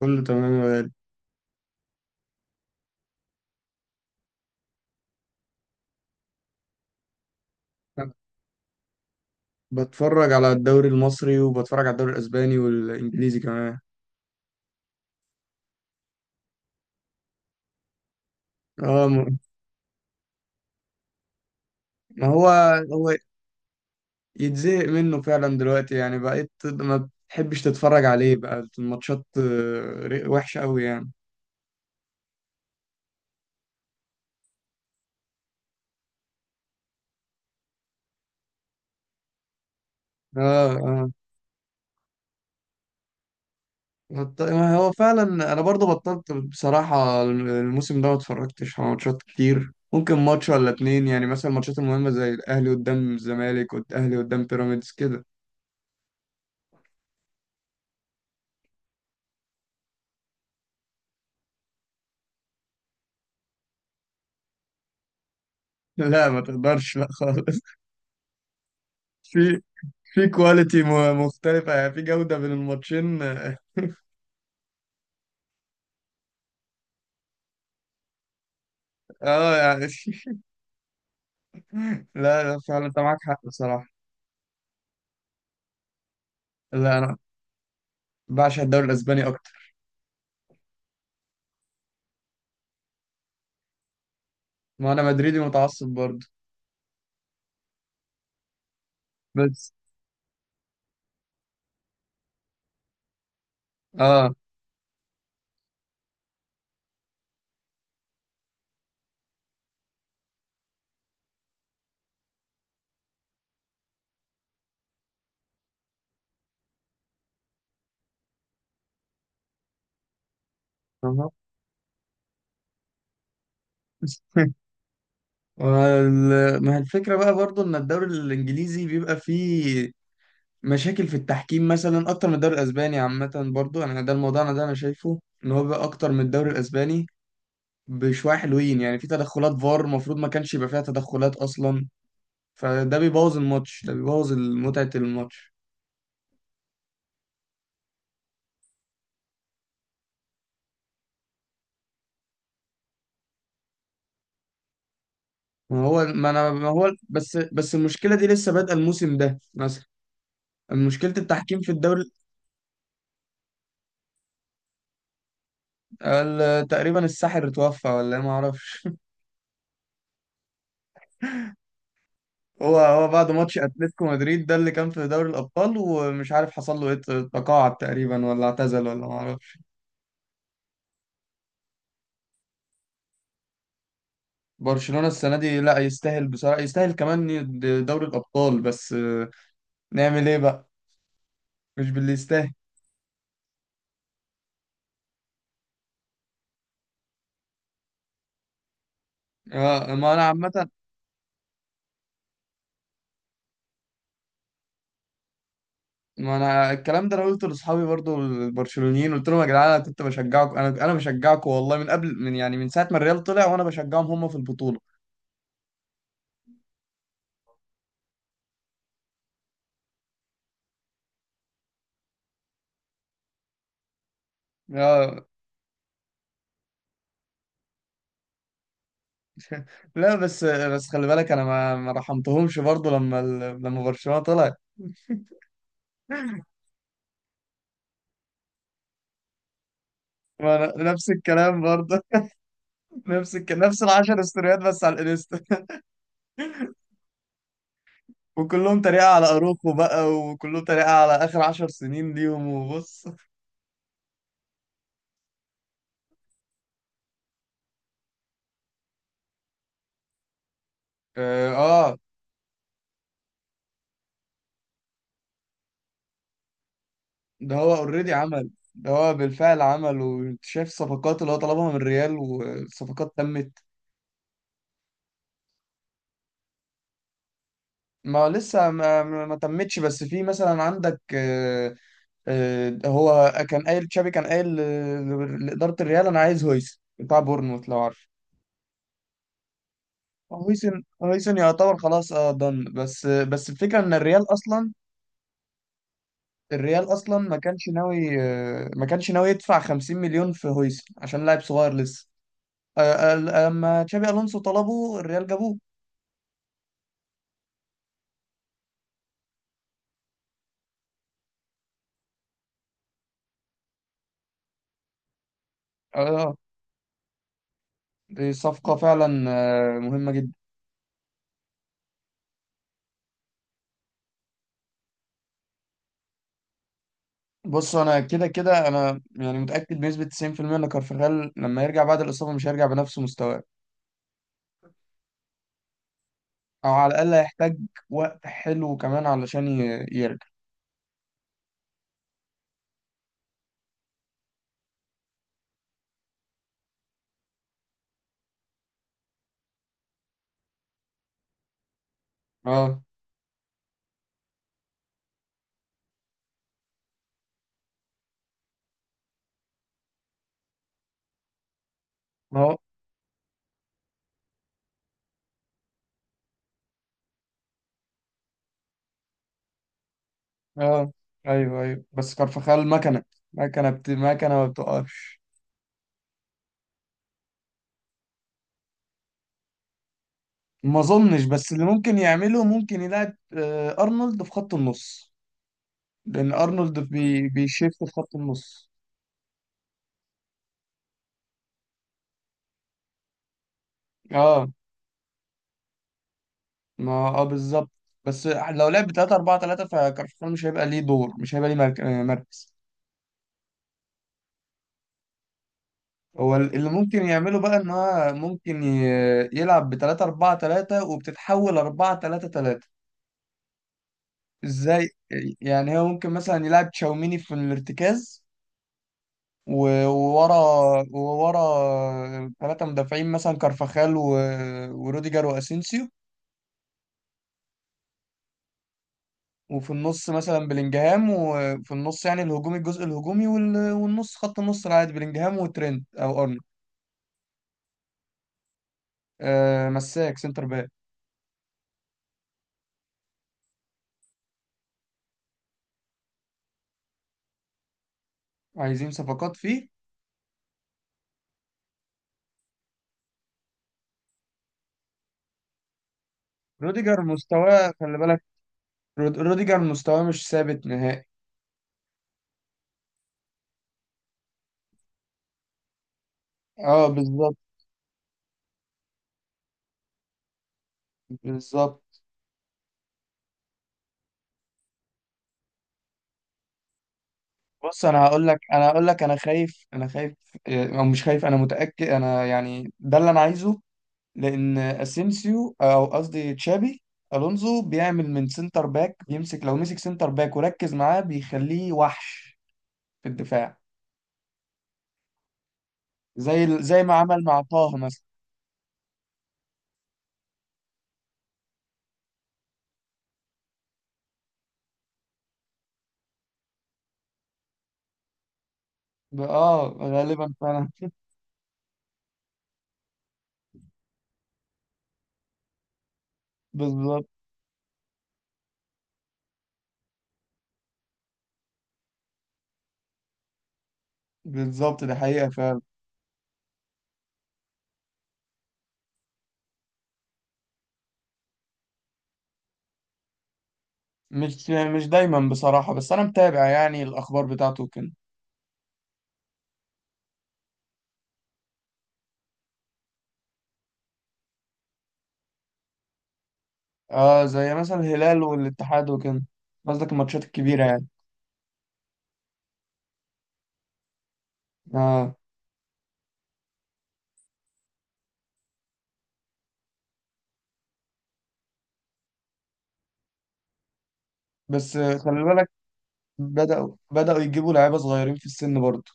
كله تمام يا غالي. أنا بتفرج على الدوري المصري وبتفرج على الدوري الاسباني والانجليزي كمان. اه م- ما هو يتزهق منه فعلا دلوقتي، يعني بقيت ما بتحبش تتفرج عليه، بقى الماتشات وحشة قوي يعني. اه اه. ما هو فعلا انا برضو بطلت، بصراحة الموسم ده ما اتفرجتش على ماتشات كتير، ممكن ماتش ولا اتنين يعني، مثلا الماتشات المهمة زي الاهلي قدام الزمالك والاهلي قدام بيراميدز كده. لا ما تقدرش، لا خالص. في في كواليتي مختلفة، يعني في جودة بين الماتشين، اه. يعني لا لا، فعلا انت معاك حق بصراحة. لا انا بعشق الدوري الاسباني اكتر. ما انا مدريدي متعصب برضه بس. اه أها. ما هي الفكرة بقى برضه ان الدوري الانجليزي بيبقى فيه مشاكل في التحكيم مثلا اكتر من الدوري الاسباني عامة، برضه يعني ده الموضوع، انا ده انا شايفه ان هو بيبقى اكتر من الدوري الاسباني بشوية حلوين، يعني في تدخلات فار المفروض ما كانش يبقى فيها تدخلات اصلا، فده بيبوظ الماتش، ده بيبوظ متعة الماتش. ما هو بس المشكلة دي لسه بادئة الموسم ده مثلا، مشكلة التحكيم في الدوري. تقريبا الساحر اتوفى ولا إيه، ما اعرفش. هو بعد ماتش اتلتيكو مدريد ده اللي كان في دوري الابطال، ومش عارف حصل له ايه، تقاعد تقريبا ولا اعتزل ولا ما اعرفش. برشلونة السنة دي لا، يستاهل بصراحة، يستاهل كمان دوري الابطال، بس نعمل ايه بقى؟ مش باللي يستاهل. ما انا عامة. ما انا الكلام ده انا قلته لاصحابي برضو البرشلونيين، قلت لهم: يا جدعان انا كنت بشجعكم، انا بشجعكم والله من قبل، من يعني من ساعه ما الريال طلع وانا بشجعهم هم في البطوله. اه. لا بس، خلي بالك انا ما رحمتهمش برضو، لما لما برشلونه طلع ما أنا نفس الكلام برضه. نفس نفس ال 10 استوريات بس على الانستا. وكلهم تريقة على اروخو بقى، وكلهم تريقة على اخر 10 سنين ليهم، وبص. اه آه. ده هو اوريدي عمل. ده هو بالفعل عمل، وانت شايف الصفقات اللي هو طلبها من الريال والصفقات تمت. ما هو لسه ما تمتش، بس في مثلا عندك هو كان قايل تشابي، كان قايل لإدارة الريال: انا عايز هويسن بتاع بورنموث لو عارف. هويسن يعتبر خلاص، اه ضن، بس الفكرة ان الريال اصلا، الريال اصلا ما كانش ناوي، ما كانش ناوي يدفع 50 مليون في هويسن عشان لاعب صغير لسه. آه، آه، لما تشابي الونسو طلبه الريال جابوه. اه، دي صفقة فعلا مهمة جدا. بص انا كده كده انا يعني متأكد بنسبة 90% ان كارفاخال لما يرجع بعد الإصابة مش هيرجع بنفس مستواه، او على الأقل هيحتاج وقت حلو كمان علشان يرجع. اه اه اه، ايوه ايوه. بس كارفاخال مكنة ما بتقفش. ما اظنش، بس اللي ممكن يعمله ممكن يلعب ارنولد في خط النص، لان ارنولد بيشيفت في خط النص. اه ما اه بالظبط. بس لو لعب 3 4 3، فكارفخال مش هيبقى ليه دور، مش هيبقى ليه مركز. هو اللي ممكن يعمله بقى ان هو ممكن يلعب ب 3 4 3 وبتتحول 4 3 3. ازاي؟ يعني هو ممكن مثلا يلعب تشاوميني في الارتكاز وورا، وورا 3 مدافعين مثلا كارفاخال وروديجر واسينسيو. وفي النص مثلا بلينجهام، وفي النص يعني الهجومي، الجزء الهجومي، والنص خط النص العادي بلينجهام وترينت او ارنولد. آه مساك سنتر باك. عايزين صفقات فيه. روديجر مستواه خلي بالك، روديجر مستواه مش ثابت نهائي. اه بالظبط، بالظبط. بص انا هقول لك، انا خايف، او مش خايف، انا متأكد، انا يعني ده اللي انا عايزه. لان اسينسيو او قصدي تشابي الونزو بيعمل من سنتر باك، بيمسك، لو مسك سنتر باك وركز معاه بيخليه وحش في الدفاع، زي زي ما عمل مع طه مثلا. غالبا فعلا بالظبط بالظبط، ده حقيقة فعلا. مش يعني مش دايما بصراحة، بس انا متابع يعني الاخبار بتاعته وكده. اه، زي مثلا الهلال والاتحاد وكده. قصدك الماتشات الكبيرة يعني. اه بس خلي بالك، بدأوا يجيبوا لعيبة صغيرين في السن برضه.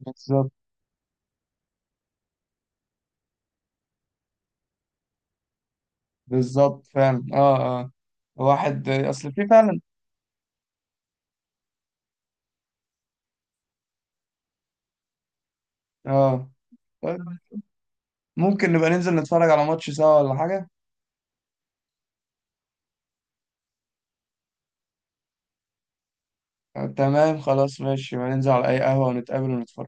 بالظبط بالظبط فعلا، اه اه. واحد اصل في فعلا. اه طيب، ممكن نبقى ننزل نتفرج على ماتش سوا، ولا حاجة؟ تمام خلاص ماشي، يبقى ننزل على اي قهوة ونتقابل ونتفرج.